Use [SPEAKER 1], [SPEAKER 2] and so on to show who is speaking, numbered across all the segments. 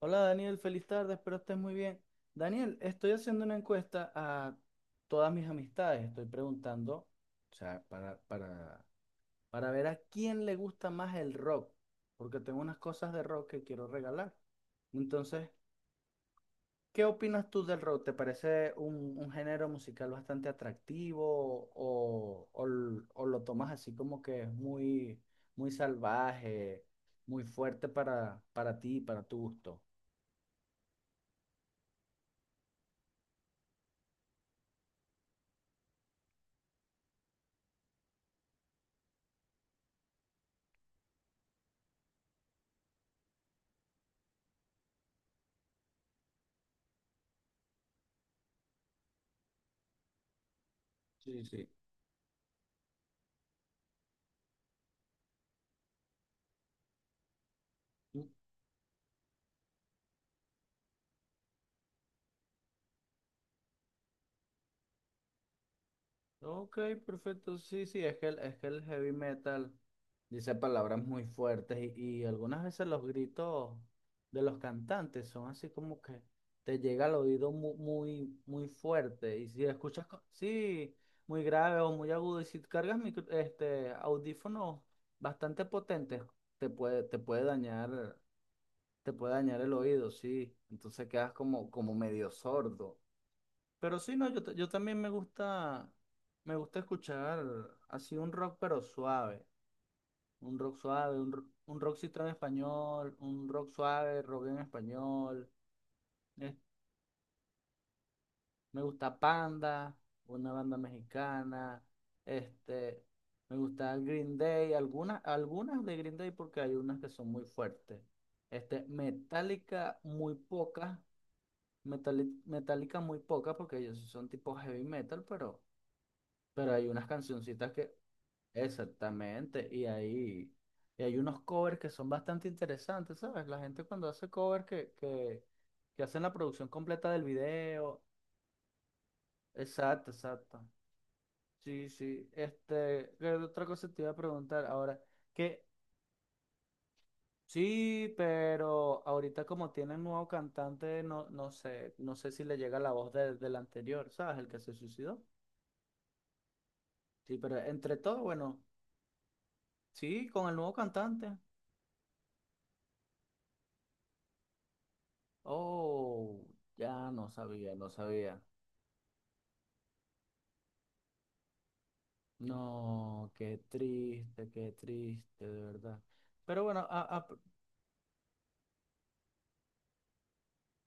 [SPEAKER 1] Hola Daniel, feliz tarde, espero estés muy bien. Daniel, estoy haciendo una encuesta a todas mis amistades, estoy preguntando, o sea, para ver a quién le gusta más el rock, porque tengo unas cosas de rock que quiero regalar. Entonces, ¿qué opinas tú del rock? ¿Te parece un género musical bastante atractivo o lo tomas así como que es muy, muy salvaje, muy fuerte para ti, para tu gusto? Sí, sí. Ok, perfecto. Sí, sí, es que el heavy metal dice palabras muy fuertes y algunas veces los gritos de los cantantes son así como que te llega al oído muy, muy, muy fuerte. Y si escuchas, sí, muy grave o muy agudo, y si cargas audífonos bastante potentes, te puede, te puede dañar, te puede dañar el oído, sí. Entonces quedas como medio sordo. Pero sí, no, yo también me gusta escuchar así un rock pero suave, un rock suave, un rockcito en español, un rock suave, rock en español. eh, Me gusta Panda, una banda mexicana, este, me gusta Green Day, algunas de Green Day porque hay unas que son muy fuertes. Este, Metallica muy pocas, Metallica muy pocas porque ellos sí son tipo heavy metal, pero... Pero hay unas cancioncitas que exactamente, y ahí y hay unos covers que son bastante interesantes, ¿sabes? La gente cuando hace covers que hacen la producción completa del video. Exacto, exacto. Sí, sí. Este, ¿qué otra cosa te iba a preguntar ahora? Que sí, pero ahorita como tienen nuevo cantante, no, no sé, no sé si le llega la voz del anterior, ¿sabes? El que se suicidó. Sí, pero entre todo, bueno, sí, con el nuevo cantante. Oh, ya no sabía, no sabía. No, qué triste, de verdad. Pero bueno,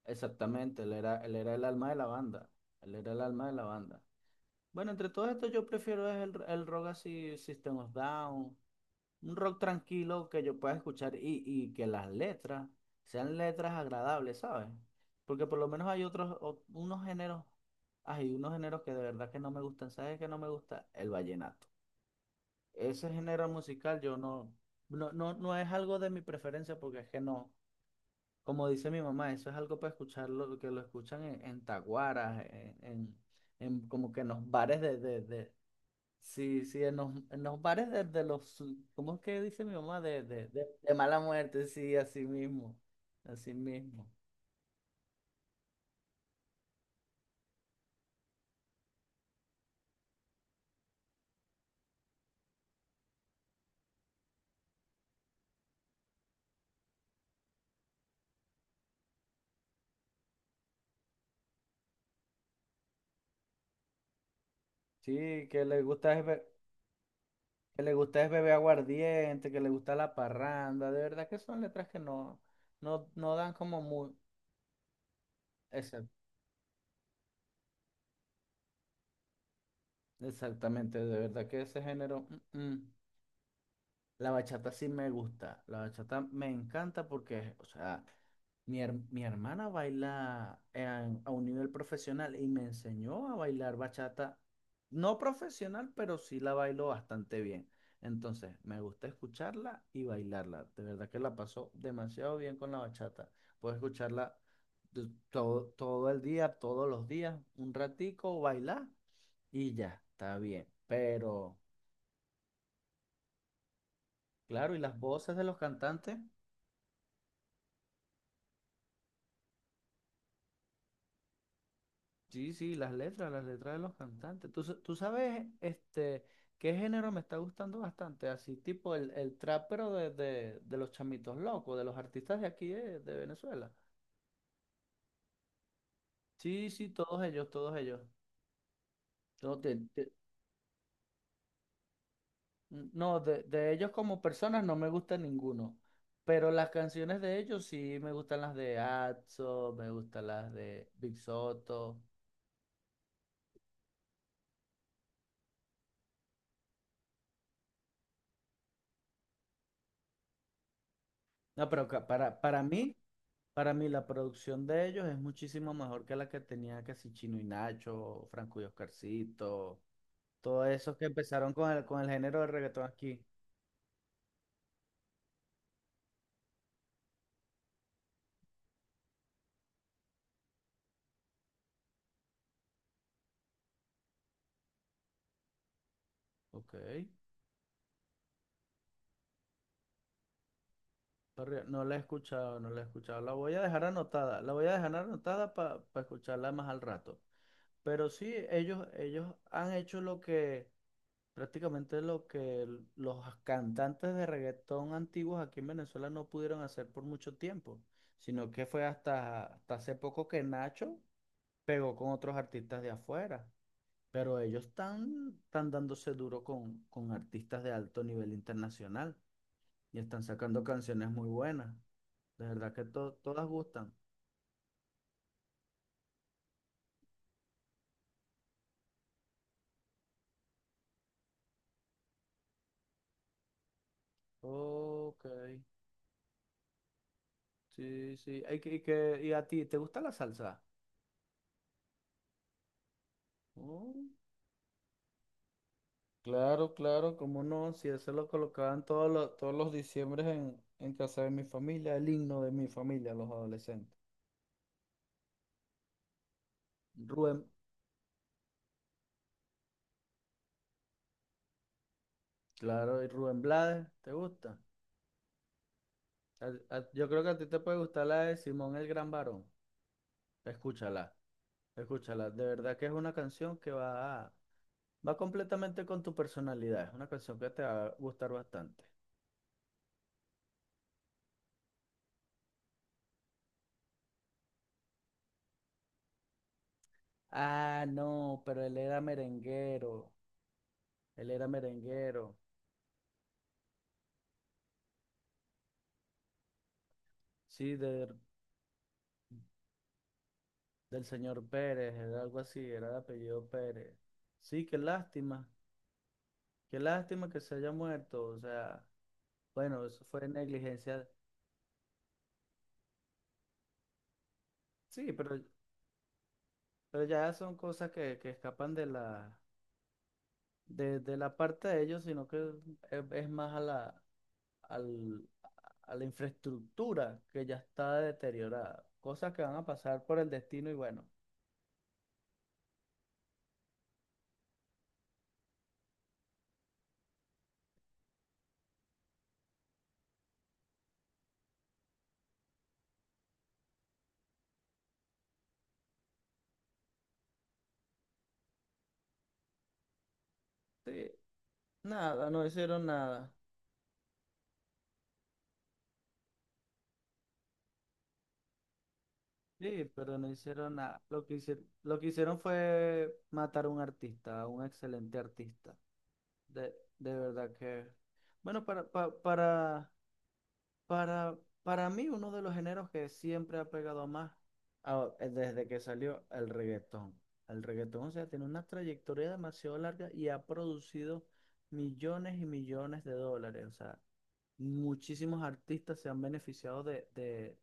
[SPEAKER 1] exactamente, él era el alma de la banda. Él era el alma de la banda. Bueno, entre todo esto yo prefiero es el rock así, System of Down, un rock tranquilo que yo pueda escuchar y que las letras sean letras agradables, ¿sabes? Porque por lo menos hay unos géneros, hay unos géneros que de verdad que no me gustan. ¿Sabes qué no me gusta? El vallenato. Ese género musical yo no, no, no, no es algo de mi preferencia porque es que no, como dice mi mamá, eso es algo para escucharlo, que lo escuchan en, en como que en los bares sí, sí, en los bares de los, ¿cómo es que dice mi mamá? De mala muerte, sí, así mismo, así mismo. Sí, que le gusta es beber aguardiente, que le gusta la parranda, de verdad que son letras que no, no, no dan como muy, exactamente, de verdad que ese género, mm, mm. La bachata sí me gusta, la bachata me encanta porque, o sea, mi hermana baila a un nivel profesional y me enseñó a bailar bachata, no profesional, pero sí la bailo bastante bien. Entonces, me gusta escucharla y bailarla. De verdad que la paso demasiado bien con la bachata. Puedo escucharla todo, todo el día, todos los días, un ratico, bailar y ya, está bien, pero... Claro, y las voces de los cantantes. Sí, sí, las letras de los cantantes. Tú, tú sabes, este, qué género me está gustando bastante, así tipo el trap, pero de los chamitos locos, de los artistas de aquí de Venezuela. Sí, sí, todos ellos, todos ellos. No, de, de- no, de ellos como personas no me gusta ninguno, pero las canciones de ellos sí me gustan las de Atzo, me gustan las de Big Soto. No, pero ca- para mí... Para mí la producción de ellos es muchísimo mejor que la que tenía casi Chino y Nacho, Franco y Oscarcito, todos esos que empezaron con con el género de reggaetón aquí. Ok, pero no la he escuchado, no la he escuchado. La voy a dejar anotada, la voy a dejar anotada para escucharla más al rato. Pero sí, ellos han hecho lo que prácticamente lo que los cantantes de reggaetón antiguos aquí en Venezuela no pudieron hacer por mucho tiempo, sino que fue hasta hace poco que Nacho pegó con otros artistas de afuera, pero ellos están, están dándose duro con artistas de alto nivel internacional y están sacando canciones muy buenas. De verdad que todas gustan. Ok, sí, sí. Ay, ¿Y a ti te gusta la salsa? Claro, claro, cómo no, si eso lo colocaban todos los diciembres en casa de mi familia, el himno de mi familia, los adolescentes. Rubén, claro, y Rubén Blades, ¿te gusta? Yo creo que a ti te puede gustar la de Simón el Gran Varón. Escúchala, escúchala. De verdad que es una canción que va, va completamente con tu personalidad. Es una canción que te va a gustar bastante. Ah, no, pero él era merenguero. Él era merenguero. Sí, de, del señor Pérez, era algo así, era el apellido Pérez. Sí, qué lástima que se haya muerto, o sea, bueno, eso fue negligencia, sí, pero ya son cosas que escapan de la parte de ellos, sino que es más a la, al- a la infraestructura que ya está deteriorada, cosas que van a pasar por el destino y bueno, sí, nada, no hicieron nada. Sí, pero no hicieron nada. Lo que hicieron fue matar a un artista, a un excelente artista. De, de verdad que... Bueno, para, pa- para mí uno de los géneros que siempre ha pegado más desde que salió el reggaetón. El reggaetón, o sea, tiene una trayectoria demasiado larga y ha producido millones y millones de dólares. O sea, muchísimos artistas se han beneficiado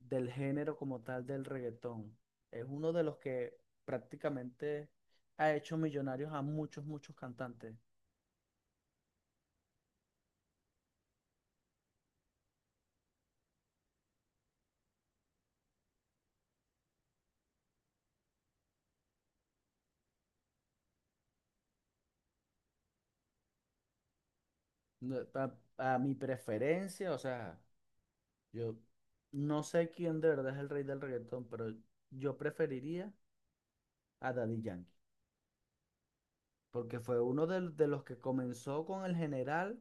[SPEAKER 1] del género como tal del reggaetón. Es uno de los que prácticamente ha hecho millonarios a muchos, muchos cantantes. No, A, mi preferencia, o sea, yo no sé quién de verdad es el rey del reggaetón, pero yo preferiría a Daddy Yankee, porque fue uno los que comenzó con el general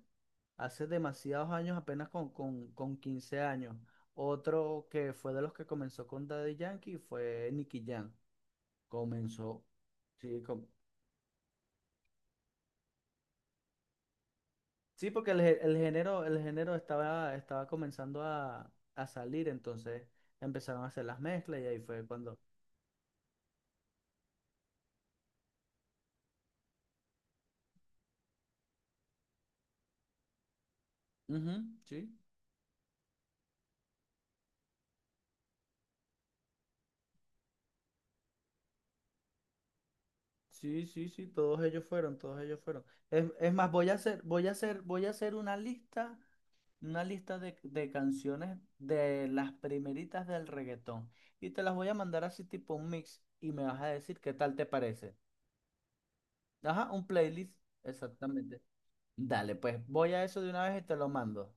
[SPEAKER 1] hace demasiados años, apenas con 15 años. Otro que fue de los que comenzó con Daddy Yankee fue Nicky Jam. Comenzó. Sí, sí, porque el, el género estaba, estaba comenzando a salir, entonces empezaron a hacer las mezclas y ahí fue cuando. Ujú, sí, sí, sí, sí, todos ellos fueron, todos ellos fueron. Es más, voy a hacer una lista de canciones de las primeritas del reggaetón. Y te las voy a mandar así tipo un mix y me vas a decir qué tal te parece. Ajá, un playlist, exactamente. Dale, pues voy a eso de una vez y te lo mando.